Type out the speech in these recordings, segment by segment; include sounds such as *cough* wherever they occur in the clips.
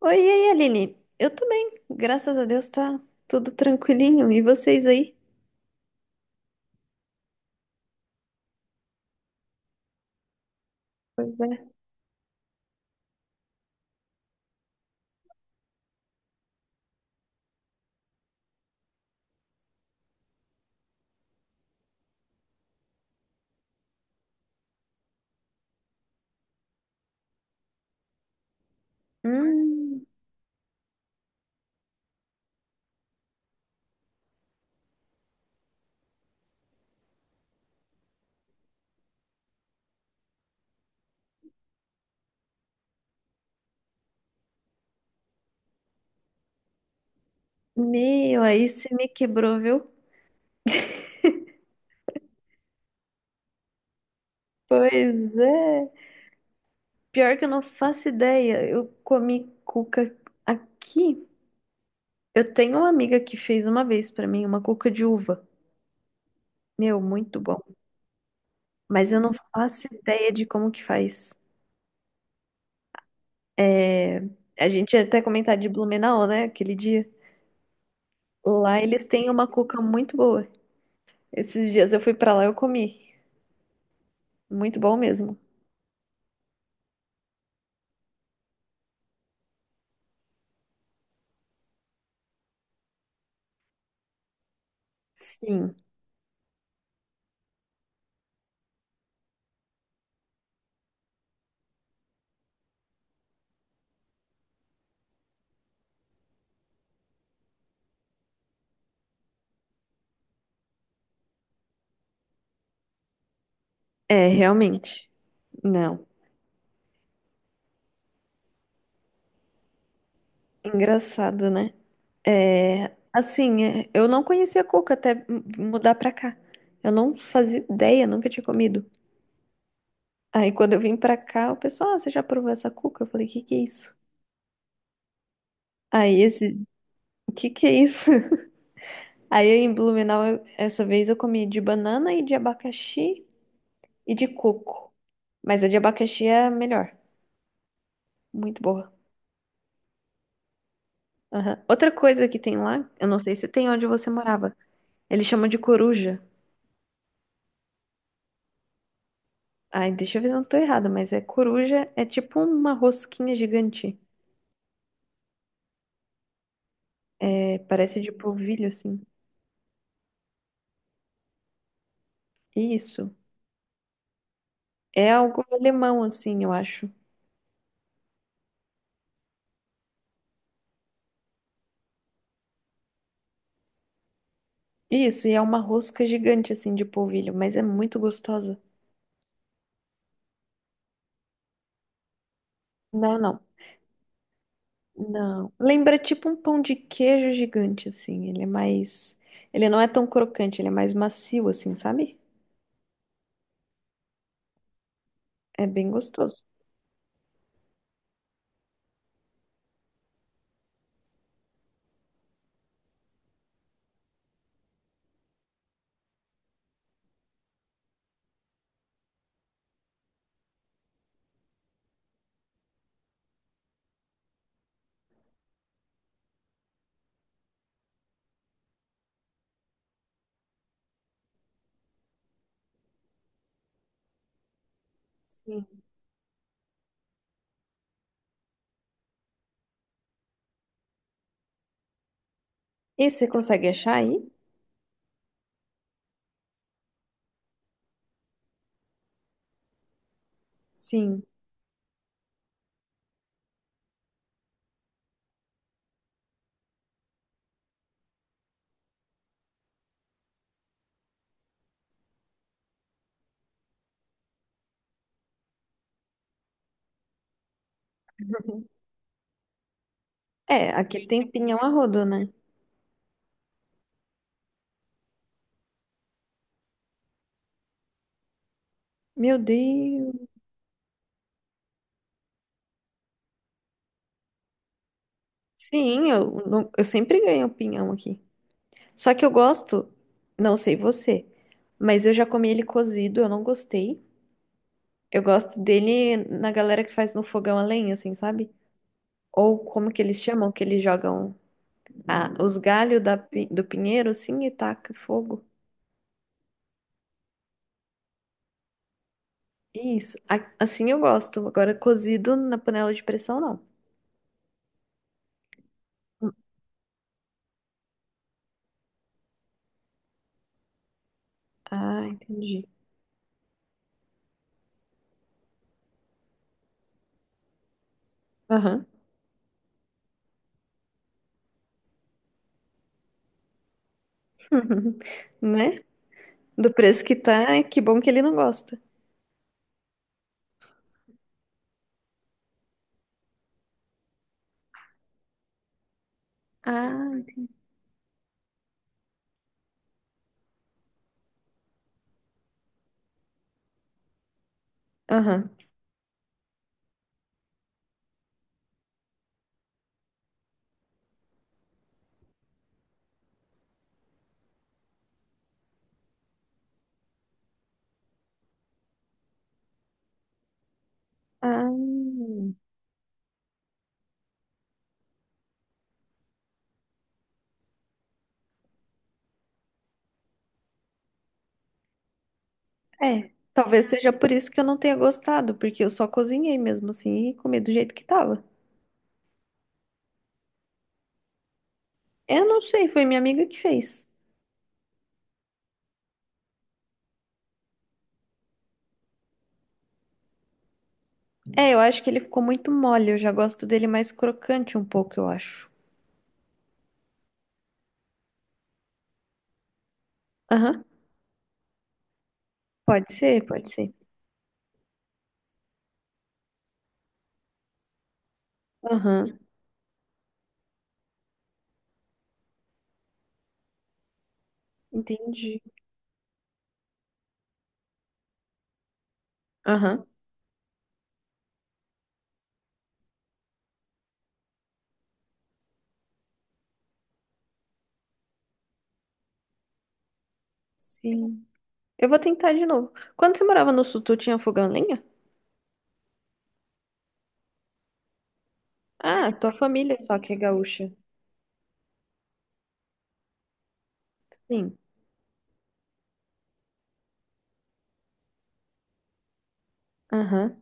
Oi, e aí, Aline? Eu tô bem, graças a Deus tá tudo tranquilinho. E vocês aí? Pois é. Hum, meu, aí você me quebrou, viu? Pois é. Pior que eu não faço ideia. Eu comi cuca aqui. Eu tenho uma amiga que fez uma vez pra mim uma cuca de uva. Meu, muito bom. Mas eu não faço ideia de como que faz. É, a gente ia até comentar de Blumenau, né? Aquele dia. Lá eles têm uma cuca muito boa. Esses dias eu fui pra lá e eu comi. Muito bom mesmo. Sim, é, realmente. Não. Engraçado, né? É, assim, é, eu não conhecia cuca até mudar pra cá. Eu não fazia ideia, nunca tinha comido. Aí quando eu vim pra cá, o pessoal, ah, você já provou essa cuca? Eu falei, o que que é isso? Aí esse, o que que é isso? *laughs* Aí em Blumenau, essa vez eu comi de banana e de abacaxi e de coco. Mas a de abacaxi é a melhor. Muito boa. Aham. Outra coisa que tem lá, eu não sei se tem onde você morava. Eles chamam de coruja. Ai, deixa eu ver se eu não tô errada, mas é coruja, é tipo uma rosquinha gigante. É, parece de polvilho, assim. Isso. É algo alemão, assim, eu acho. Isso, e é uma rosca gigante, assim, de polvilho, mas é muito gostosa. Não, não, não. Lembra tipo um pão de queijo gigante, assim. Ele é mais. Ele não é tão crocante, ele é mais macio, assim, sabe? É bem gostoso. Sim. E você consegue achar aí? Sim. Uhum. É, aqui tem pinhão a rodo, né? Meu Deus. Sim, eu, eu sempre ganho pinhão aqui. Só que eu gosto, não sei você, mas eu já comi ele cozido, eu não gostei. Eu gosto dele na galera que faz no fogão a lenha, assim, sabe? Ou como que eles chamam, que eles jogam os galhos da do pinheiro, assim, e taca fogo. Isso, assim eu gosto. Agora, cozido na panela de pressão, não. Hum, ah, entendi. Aham. *laughs* Né? Do preço que tá, é que bom que ele não gosta. Ah, aham, ah, é. Talvez seja por isso que eu não tenha gostado, porque eu só cozinhei mesmo assim e comi do jeito que tava. Eu não sei, foi minha amiga que fez. É, eu acho que ele ficou muito mole, eu já gosto dele mais crocante um pouco, eu acho. Aham, pode ser, pode ser. Aham, entendi. Aham, sim. Eu vou tentar de novo. Quando você morava no sul, tu tinha fogão a lenha? Ah, tua família só que é gaúcha. Sim. Aham.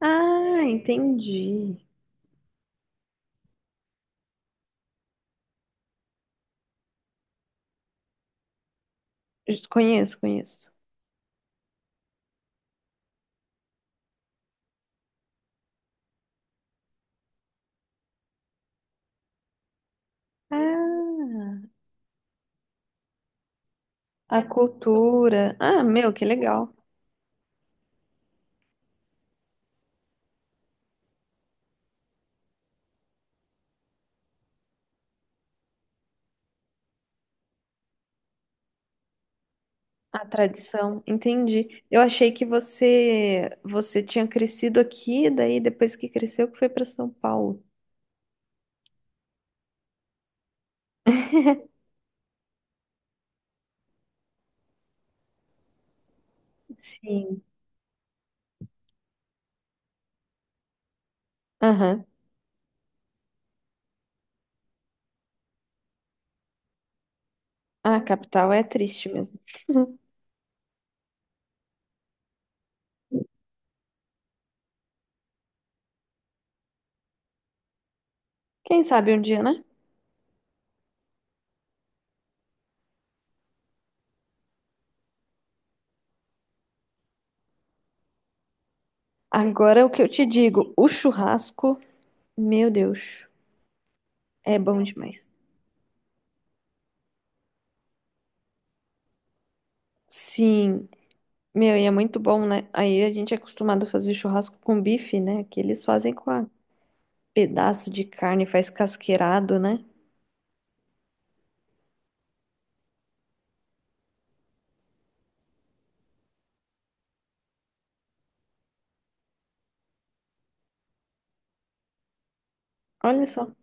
Ah, entendi. Conheço, conheço. Ah, a cultura. Ah, meu, que legal. A tradição, entendi. Eu achei que você tinha crescido aqui, daí depois que cresceu que foi para São Paulo. Sim. Aham. Ah, a capital é triste mesmo. *laughs* Quem sabe um dia, né? Agora o que eu te digo, o churrasco, meu Deus, é bom demais. Sim, meu, e é muito bom, né? Aí a gente é acostumado a fazer churrasco com bife, né? Que eles fazem com a pedaço de carne, faz casqueirado, né? Olha só.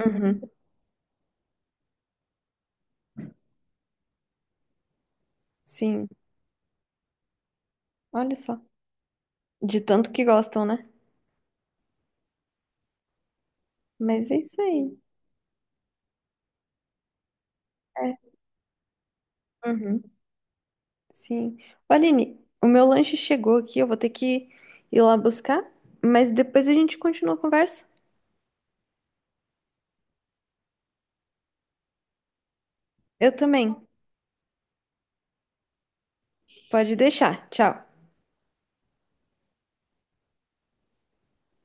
Uhum. Sim, olha só. De tanto que gostam, né? Mas é isso aí. É. Uhum. Sim. Ô, Aline, o meu lanche chegou aqui, eu vou ter que ir lá buscar, mas depois a gente continua a conversa. Eu também. Pode deixar. Tchau.